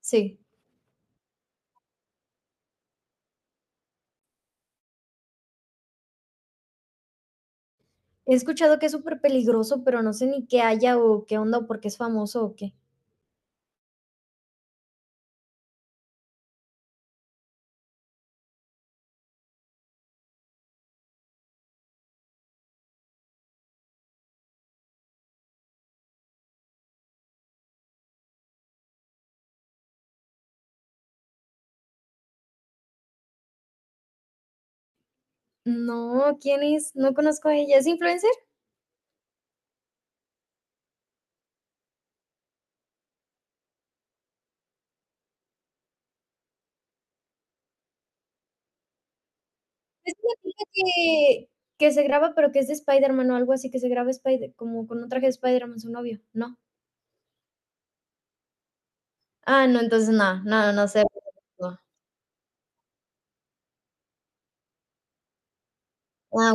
Sí. He escuchado que es súper peligroso, pero no sé ni qué haya o qué onda o por qué es famoso o qué. No, ¿quién es? No conozco a ella. ¿Es influencer? Es una chica que se graba, pero que es de Spiderman o algo así, que se graba Spider como con un traje de Spiderman su novio, ¿no? Ah, no, entonces no, no, no sé. No. Ah,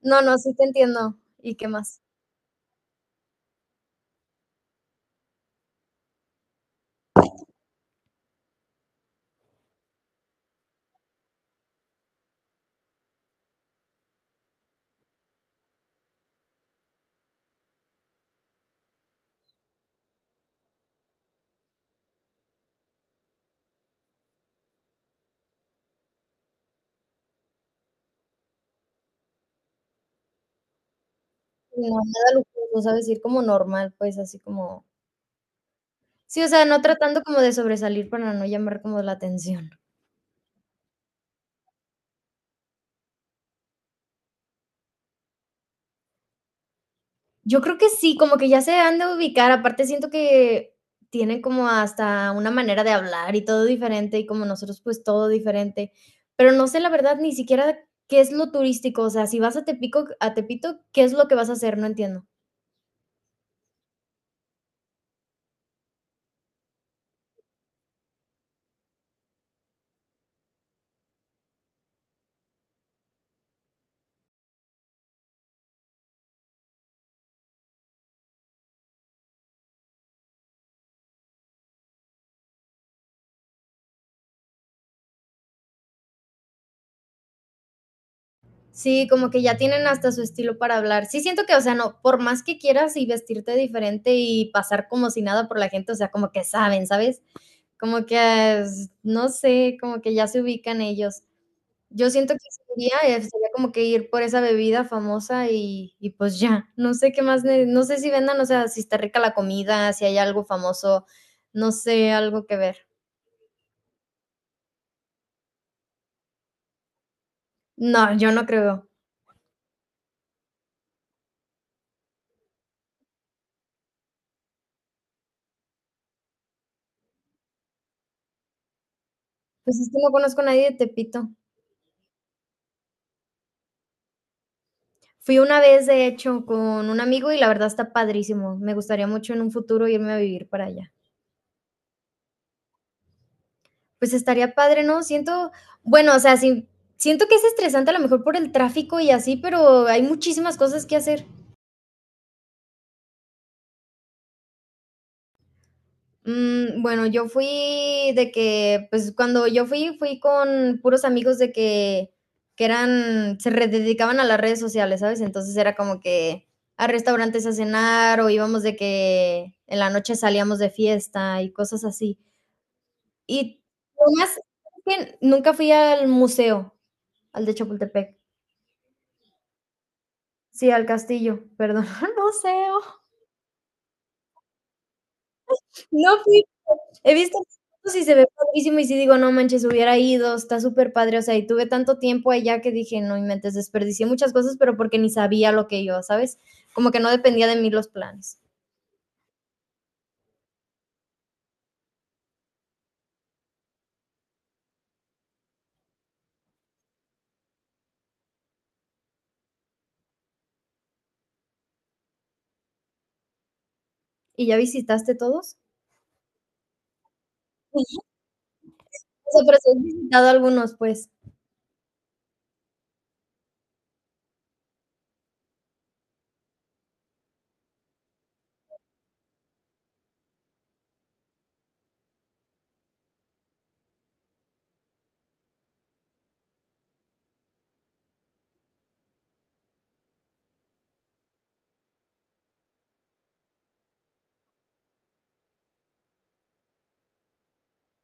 no, no, sí te entiendo. ¿Y qué más? No, nada lujoso, ¿sabes? Ir como normal, pues, así como. Sí, o sea, no tratando como de sobresalir para no llamar como la atención. Yo creo que sí, como que ya se han de ubicar, aparte siento que tienen como hasta una manera de hablar y todo diferente, y como nosotros, pues todo diferente. Pero no sé la verdad ni siquiera qué es lo turístico, o sea, si vas a Tepico a Tepito, ¿qué es lo que vas a hacer? No entiendo. Sí, como que ya tienen hasta su estilo para hablar. Sí, siento que, o sea, no, por más que quieras y vestirte diferente y pasar como si nada por la gente, o sea, como que saben, ¿sabes? Como que, es- no sé, como que ya se ubican ellos. Yo siento que sería, sería como que ir por esa bebida famosa y pues ya, no sé qué más, ne- no sé si vendan, o sea, si está rica la comida, si hay algo famoso, no sé, algo que ver. No, yo no creo. Pues es que no conozco a nadie de Tepito. Fui una vez, de hecho, con un amigo y la verdad está padrísimo. Me gustaría mucho en un futuro irme a vivir para allá. Pues estaría padre, ¿no? Siento, bueno, o sea, sí, siento que es estresante a lo mejor por el tráfico y así, pero hay muchísimas cosas que hacer. Bueno, yo fui de que, pues cuando yo fui, fui con puros amigos de que eran, se re- dedicaban a las redes sociales, ¿sabes? Entonces era como que a restaurantes a cenar o íbamos de que en la noche salíamos de fiesta y cosas así. Y lo más que nunca fui al museo, al de Chapultepec. Sí, al castillo, perdón, al museo. No fui, he visto fotos y se ve padrísimo y sí digo, no manches, hubiera ido, está súper padre, o sea, y tuve tanto tiempo allá que dije, no inventes, desperdicié muchas cosas, pero porque ni sabía lo que iba, ¿sabes? Como que no dependía de mí los planes. ¿Y ya visitaste todos? O sea, pero si has visitado algunos, pues.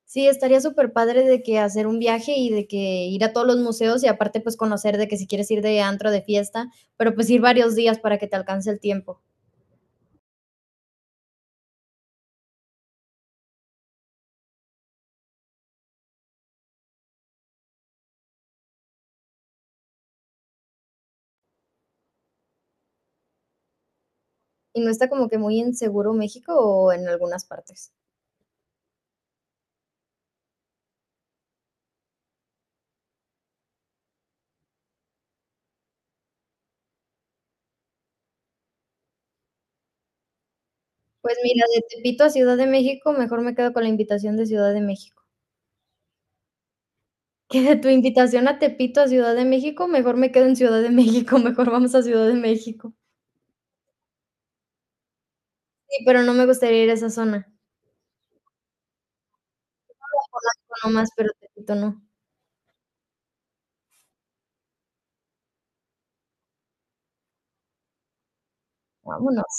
Sí, estaría súper padre de que hacer un viaje y de que ir a todos los museos y aparte, pues, conocer de que si quieres ir de antro, de fiesta, pero, pues, ir varios días para que te alcance el tiempo. ¿Y no está como que muy inseguro México o en algunas partes? Pues mira, de Tepito a Ciudad de México, mejor me quedo con la invitación de Ciudad de México. Que de tu invitación a Tepito a Ciudad de México, mejor me quedo en Ciudad de México, mejor vamos a Ciudad de México. Sí, pero no me gustaría ir a esa zona. Polanco nomás, pero Tepito no. Vámonos.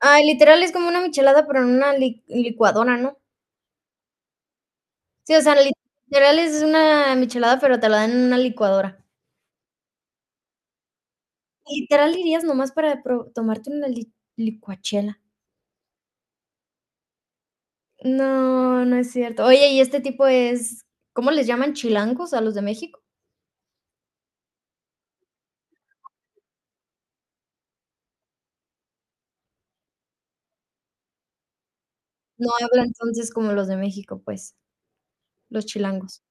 Ay, literal es como una michelada, pero en una li licuadora, ¿no? Sí, o sea, literal es una michelada, pero te la dan en una licuadora. Literal irías nomás para pro tomarte una li licuachela. No, no es cierto. Oye, y este tipo es, ¿cómo les llaman? ¿Chilangos a los de México? No habla entonces como los de México, pues, los chilangos.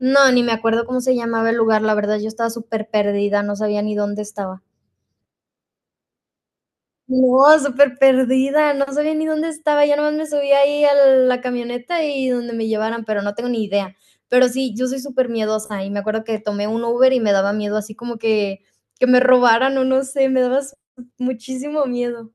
No, ni me acuerdo cómo se llamaba el lugar, la verdad, yo estaba súper perdida, no sabía ni dónde estaba. No, súper perdida, no sabía ni dónde estaba, yo nomás me subía ahí a la camioneta y donde me llevaran, pero no tengo ni idea. Pero sí, yo soy súper miedosa y me acuerdo que tomé un Uber y me daba miedo, así como que me robaran o no sé, me daba s muchísimo miedo.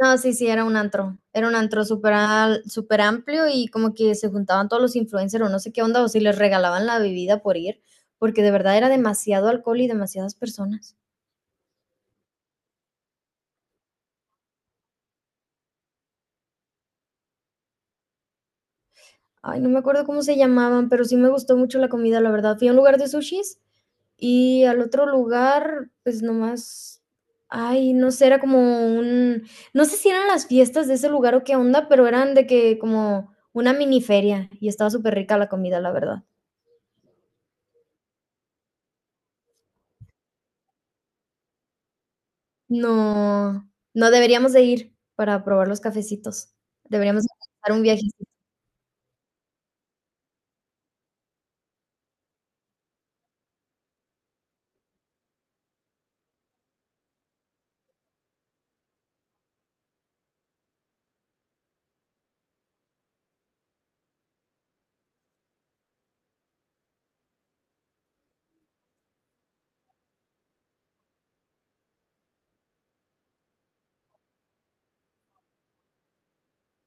No, sí, sí, era un antro súper al- súper amplio y como que se juntaban todos los influencers o no sé qué onda, o si les regalaban la bebida por ir, porque de verdad era demasiado alcohol y demasiadas personas. Ay, no me acuerdo cómo se llamaban, pero sí me gustó mucho la comida, la verdad. Fui a un lugar de sushis y al otro lugar, pues nomás, ay, no sé, era como un, no sé si eran las fiestas de ese lugar o qué onda, pero eran de que como una mini feria y estaba súper rica la comida, la verdad. No, no deberíamos de ir para probar los cafecitos. Deberíamos organizar un viaje.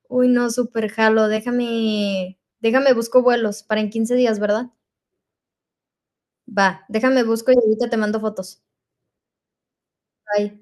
Uy, no, súper jalo. Déjame, déjame busco vuelos para en 15 días, ¿verdad? Va, déjame busco y ahorita te mando fotos. Bye.